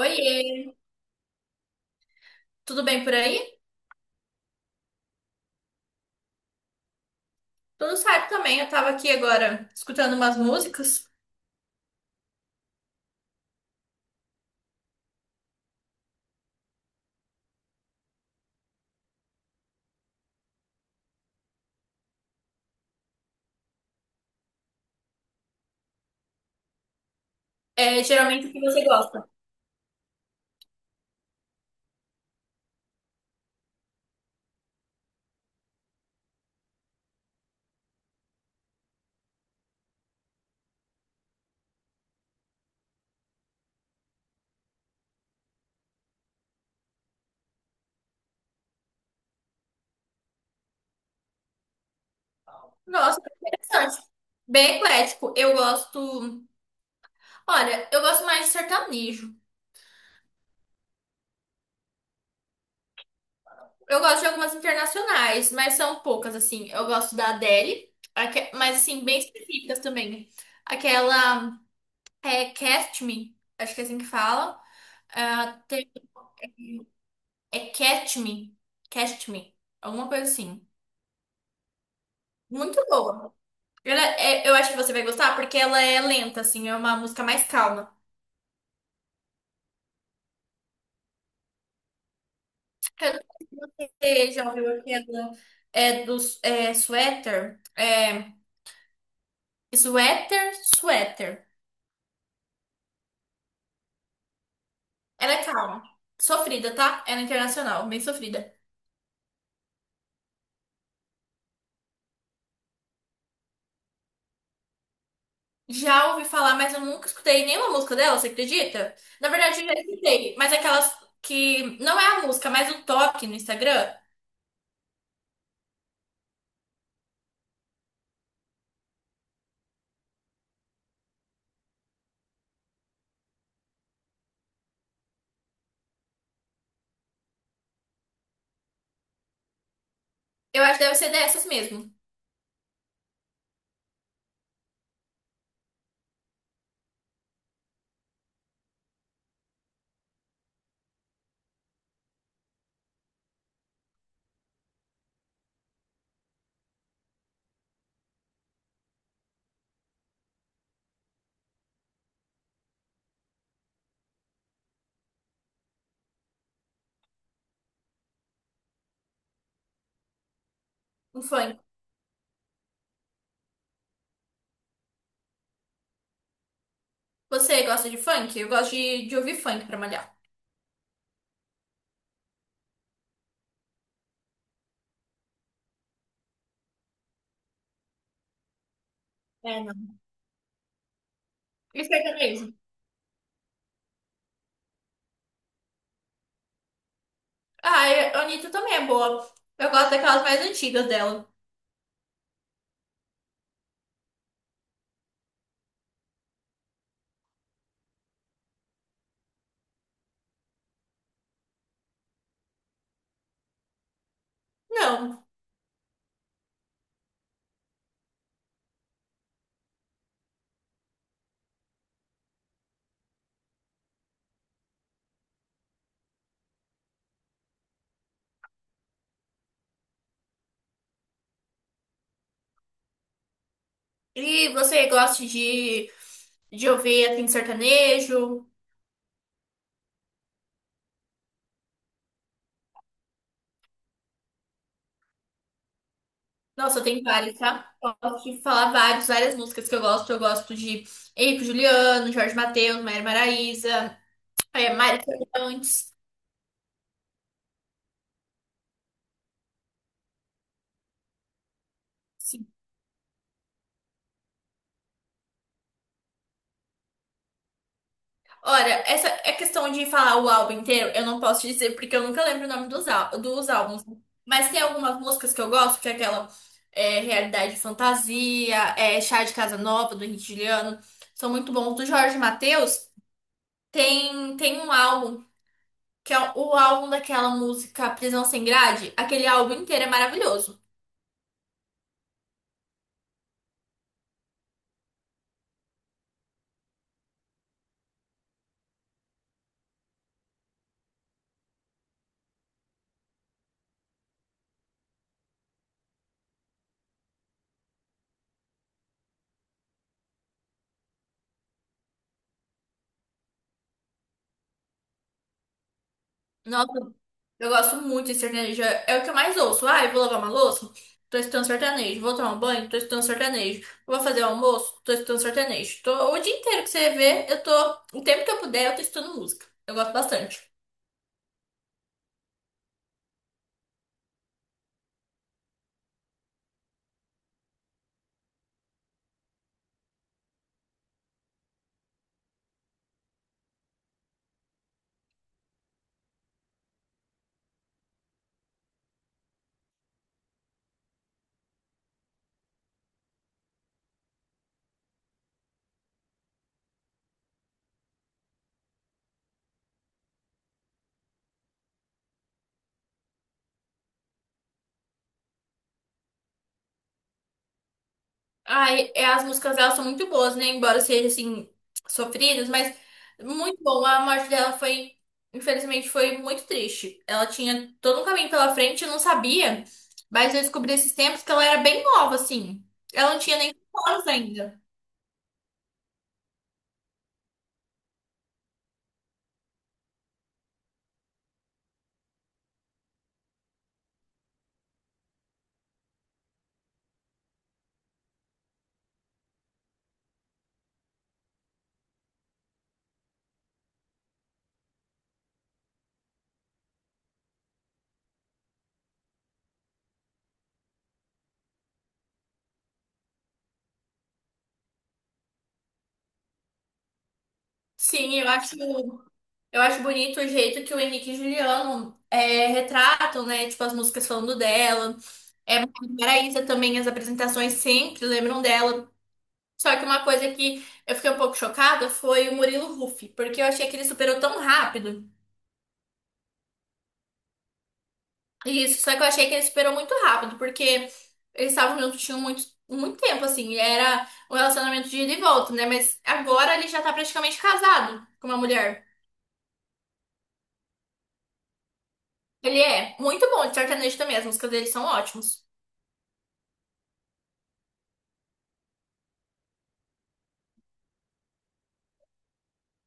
Oiê, tudo bem por aí? Tudo certo também. Eu tava aqui agora escutando umas músicas. Geralmente o que você gosta? Nossa, que interessante. Bem eclético. Eu gosto. Olha, eu gosto mais de sertanejo. Eu gosto de algumas internacionais, mas são poucas, assim. Eu gosto da Adele, mas assim, bem específicas também. Aquela Catch Me, acho que é assim que fala. Ah, tem- É Catch Me, Catch Me, alguma coisa assim. Muito boa. Eu acho que você vai gostar porque ela é lenta, assim, é uma música mais calma. Eu não sei se você já ouviu aquela é do Sweater? Sweater. Ela é calma. Sofrida, tá? Ela é internacional, bem sofrida. Já ouvi falar, mas eu nunca escutei nenhuma música dela, você acredita? Na verdade, eu já escutei, mas aquelas que não é a música, mas o toque no Instagram, eu acho que deve ser dessas mesmo. Um funk. Você gosta de funk? Eu gosto de ouvir funk pra malhar. É, não. E Sertanejo. Ah, e a Anitta também é boa. Eu gosto daquelas mais antigas dela. Não. E você gosta de ouvir assim, sertanejo? Nossa, tem vários, tá? Posso te falar várias músicas que eu gosto. Eu gosto de Henrique Juliano, Jorge Mateus, Maria Maraíza, Mari Fernandes. Olha, essa é questão de falar o álbum inteiro, eu não posso dizer porque eu nunca lembro o nome dos álbuns. Mas tem algumas músicas que eu gosto, que é aquela Realidade e Fantasia, Chá de Casa Nova, do Henrique Juliano, são muito bons. Do Jorge Mateus tem um álbum, que é o álbum daquela música Prisão Sem Grade, aquele álbum inteiro é maravilhoso. Nossa, eu gosto muito de sertanejo. É o que eu mais ouço. Ah, eu vou lavar uma louça? Tô escutando sertanejo. Vou tomar um banho? Tô escutando sertanejo. Vou fazer o almoço? Tô escutando sertanejo. Tô, o dia inteiro que você vê, eu tô. O tempo que eu puder, eu tô escutando música. Eu gosto bastante. Ai, é, as músicas dela são muito boas, né? Embora sejam assim, sofridas, mas muito bom. A morte dela foi, infelizmente, foi muito triste. Ela tinha todo um caminho pela frente, eu não sabia, mas eu descobri esses tempos que ela era bem nova, assim. Ela não tinha nem 5 anos ainda. Sim, eu acho bonito o jeito que o Henrique e Juliano retratam, né? Tipo, as músicas falando dela. É, Maraísa também, as apresentações sempre lembram dela. Só que uma coisa que eu fiquei um pouco chocada foi o Murilo Huff, porque eu achei que ele superou tão rápido. Isso, só que eu achei que ele superou muito rápido, porque eles estavam juntos tinham muito, muito tempo, assim, era um relacionamento de ida e volta, né? Mas agora ele já tá praticamente casado com uma mulher. Ele é muito bom de sertanejo também, as músicas dele são ótimas.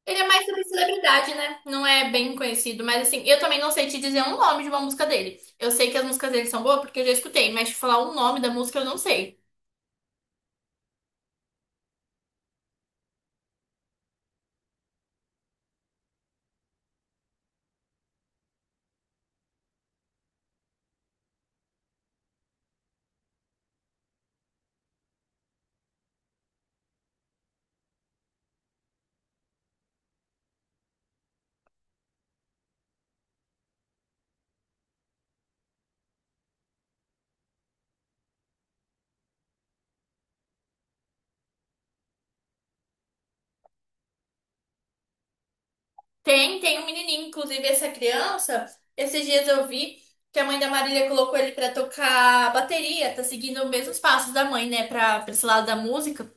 Ele é mais sobre celebridade, né? Não é bem conhecido, mas assim, eu também não sei te dizer um nome de uma música dele. Eu sei que as músicas dele são boas porque eu já escutei, mas te falar o nome da música eu não sei. Tem um menininho, inclusive essa criança, esses dias eu vi que a mãe da Marília colocou ele pra tocar bateria, tá seguindo os mesmos passos da mãe, né, pra esse lado da música.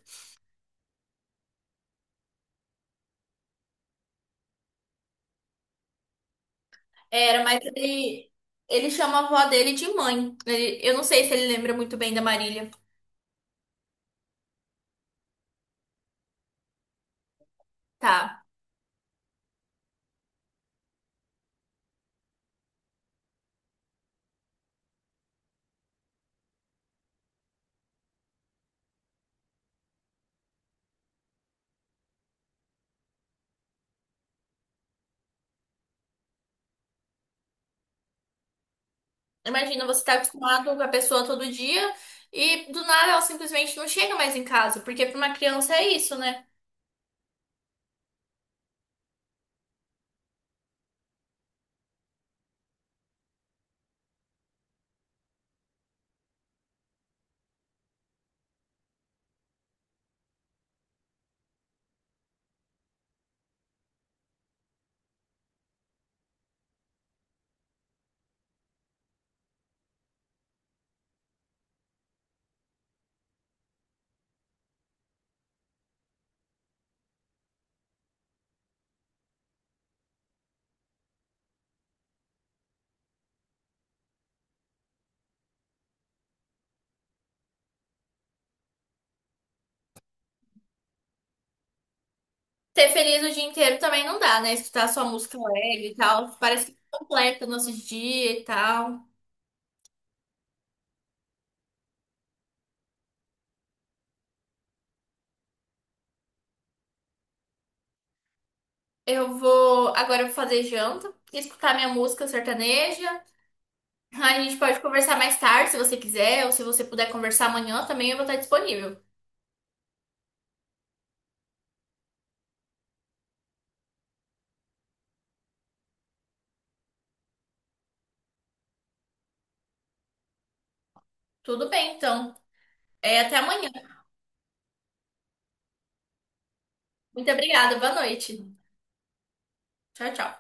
Era, ele chama a avó dele de mãe. Eu não sei se ele lembra muito bem da Marília. Tá. Imagina, você tá acostumado com a pessoa todo dia e do nada ela simplesmente não chega mais em casa, porque pra uma criança é isso, né? Ser feliz o dia inteiro também não dá, né? Escutar só música alegre e tal. Parece que completa o nosso dia e tal. Eu vou. Agora eu vou fazer janta, escutar minha música sertaneja. A gente pode conversar mais tarde, se você quiser, ou se você puder conversar amanhã também, eu vou estar disponível. Tudo bem, então. É, até amanhã. Muito obrigada, boa noite. Tchau, tchau.